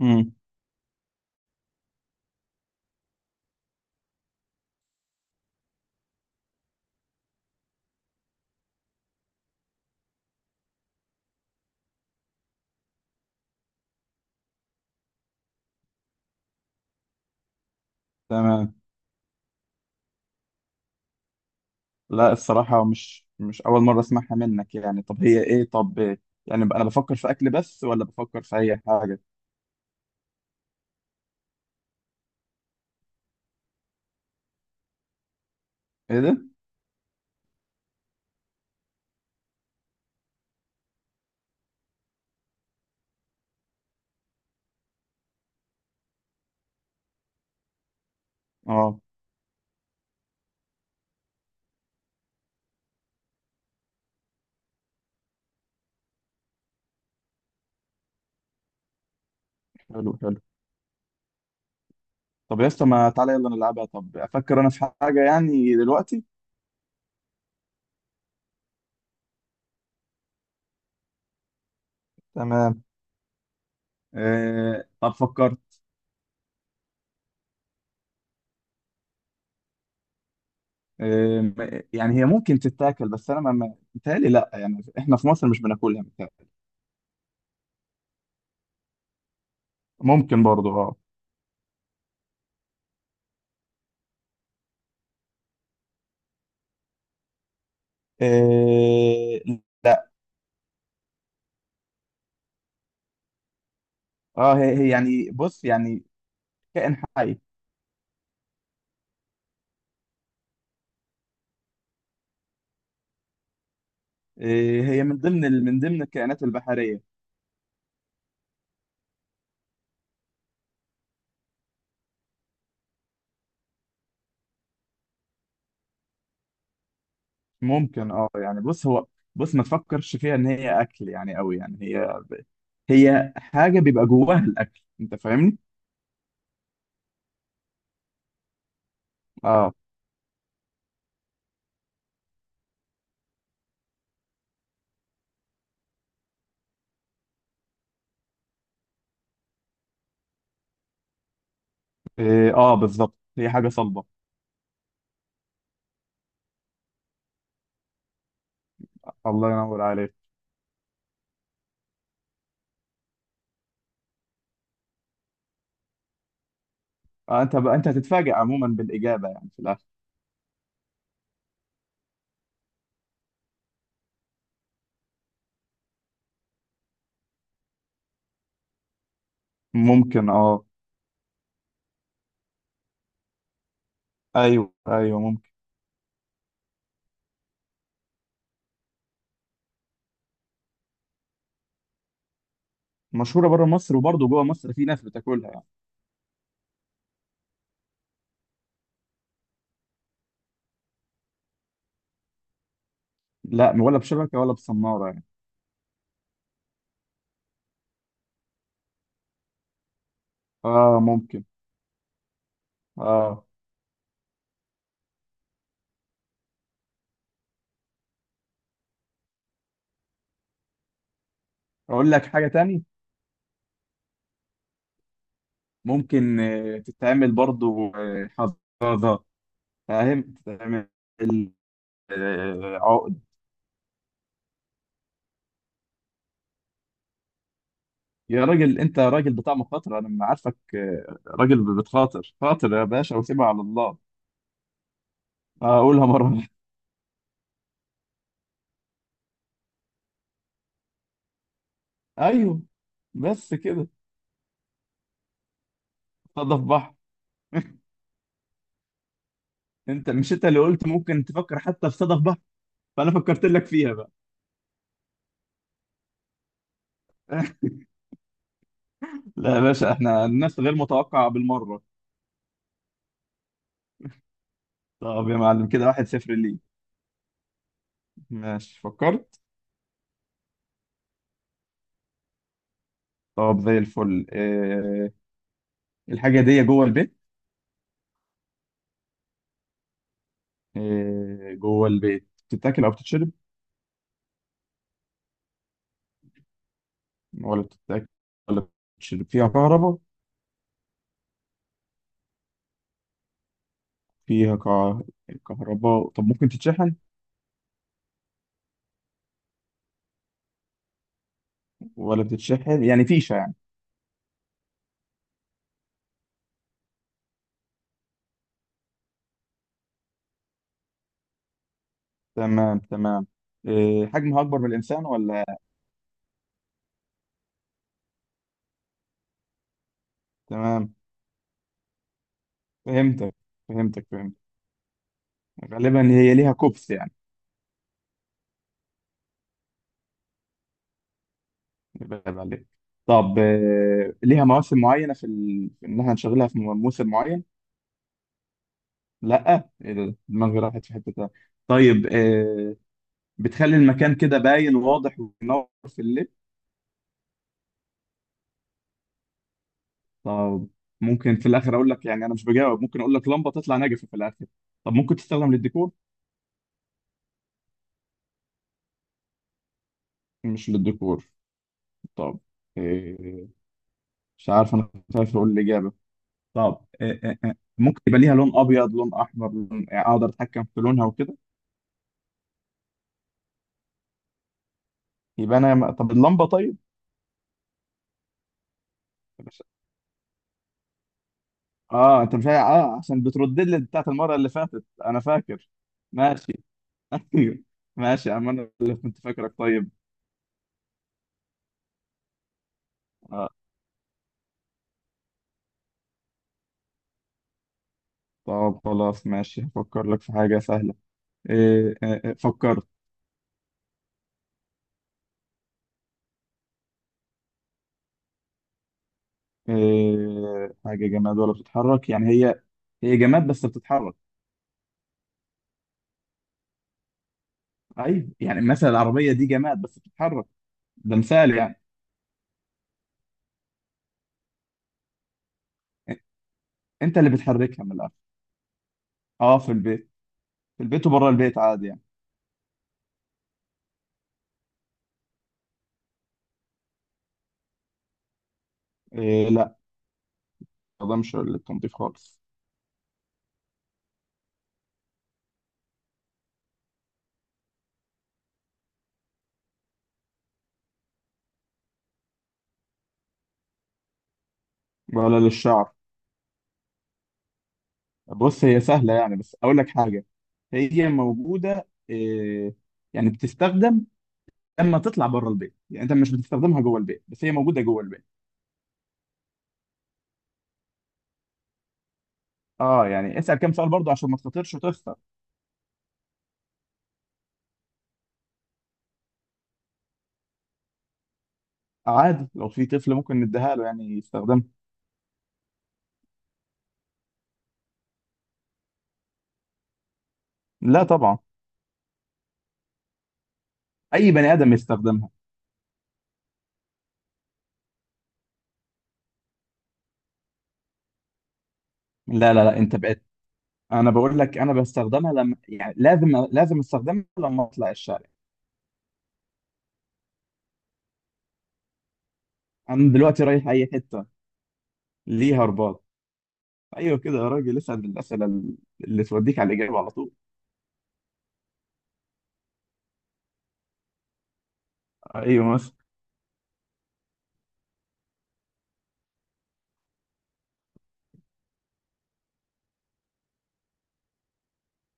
امم. تمام. لا، الصراحة مش أول مرة أسمعها منك، يعني طب هي إيه، طب إيه؟ يعني أنا بفكر في أكل بس ولا بفكر في أي حاجة؟ إيه ده؟ آه، حلو حلو. طب يا اسطى، ما تعالى يلا نلعبها. طب أفكر أنا في حاجة يعني دلوقتي. تمام. آه، طب فكرت. يعني هي ممكن تتاكل، بس أنا متهيألي لأ، يعني إحنا في مصر مش بناكلها متهيألي. ممكن برضه، آه. آه، لأ. آه، هي يعني، بص يعني. كائن حي. إيه، هي من ضمن الكائنات البحرية. ممكن يعني، بص هو، بص ما تفكرش فيها ان هي اكل يعني قوي، يعني هي هي حاجة بيبقى جواها الاكل، انت فاهمني؟ اه. إيه، اه بالظبط، هي حاجة صلبة. الله ينور عليك. آه، انت بقى هتتفاجئ عموما بالإجابة يعني في الاخر. ممكن، اه. ايوه ايوه ممكن. مشهورة بره مصر وبرضه جوه مصر في ناس بتاكلها يعني. لا، ولا بشبكة ولا بصنارة يعني. اه ممكن. اه. اقول لك حاجة تاني. ممكن تتعمل برضو حفاضة. فاهم تتعمل. عقد. يا راجل، انت راجل بتاع مخاطرة، انا ما عارفك راجل بتخاطر، خاطر يا باشا وسيبها على الله. هقولها مرة واحدة. ايوه، بس كده. صدف بحر. انت، مش انت اللي قلت ممكن تفكر حتى في صدف بحر؟ فانا فكرت لك فيها بقى. لا يا باشا، احنا الناس غير متوقعة بالمرة. طب يا معلم، كده 1-0 ليك. ماشي فكرت. طب زي الفل. الحاجه دي جوه البيت. جوه البيت بتتاكل او بتتشرب؟ ولا بتتاكل ولا بتتشرب. فيها كهرباء. فيها كه- كهرباء. طب ممكن تتشحن؟ ولا بتتشحن يعني، فيشه يعني. تمام تمام. حجمها اكبر من الانسان ولا؟ تمام، فهمتك فهمتك فهمتك. غالبا هي ليها كوبس يعني. يبقى عيب عليك. طب ليها مواسم معينه في ان احنا نشغلها في موسم معين؟ لا، ايه ده، دماغي راحت في حته تانية. طيب. بتخلي المكان كده باين وواضح وبينور في الليل. طب ممكن في الاخر اقول لك، يعني انا مش بجاوب، ممكن اقول لك لمبه تطلع ناجفه في الاخر. طب ممكن تستخدم للديكور؟ مش للديكور. طب إيه؟ مش عارف، انا خايف اقول الاجابه. طب إيه ممكن يبقى ليها لون ابيض لون احمر لون، يعني اقدر اتحكم في لونها وكده؟ يبقى انا طب اللمبه، طيب. مش- اه انت مش عا- اه عشان بتردد لي بتاعت المره اللي فاتت انا فاكر. ماشي. ايوه. ماشي يا عم، انا اللي كنت فاكرك طيب. آه. طب خلاص ماشي، هفكر لك في حاجة سهلة. إيه، فكرت. إيه، حاجة جماد ولا بتتحرك، يعني هي؟ هي جماد بس بتتحرك. أيوة، يعني مثلا العربية دي جماد بس بتتحرك، ده مثال يعني. إ- أنت اللي بتحركها من الآخر. أه، في البيت. في البيت وبره البيت عادي يعني. إيه، لا. ده مش للتنظيف خالص. ولا للشعر. بص هي سهلة يعني، بس أقول لك حاجة، هي موجودة إيه، يعني بتستخدم لما تطلع بره البيت، يعني أنت مش بتستخدمها جوه البيت بس هي موجودة جوه البيت. اه، يعني اسأل كام سؤال برضه عشان ما تخاطرش وتخسر. عادي، لو في طفل ممكن نديها له يعني يستخدمها. لا طبعا. اي بني ادم يستخدمها. لا لا لا، انت بقيت. انا بقول لك، انا بستخدمها لما يعني لازم لازم استخدمها لما اطلع الشارع. انا دلوقتي رايح اي حته. ليها رباط. ايوه كده يا راجل، اسأل الاسئله اللي توديك على الاجابه على طول. ايوه مثلا.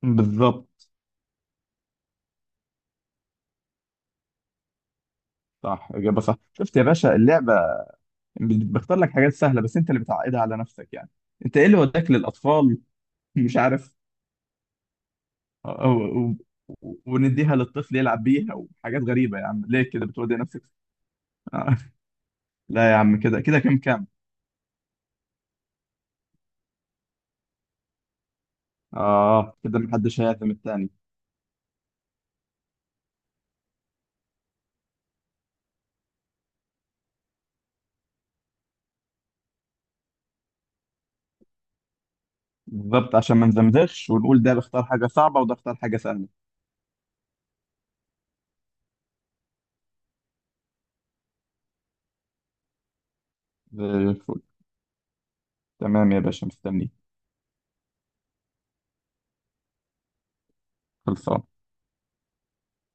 بالظبط. صح، اجابه صح، شفت يا باشا اللعبه؟ بختار لك حاجات سهله بس انت اللي بتعقدها على نفسك يعني. انت ايه اللي وداك للاطفال؟ مش عارف. و- و- ونديها للطفل يلعب بيها وحاجات غريبة، يا عم ليه كده بتودي نفسك؟ آه. لا يا عم، كده كده كام كام. اه، كده محدش هيهاجم التاني. بالظبط، عشان ما نزمزغش ونقول ده بيختار حاجة صعبة وده اختار حاجة سهلة. زي الفل. تمام يا باشا، مستنيك. خلصان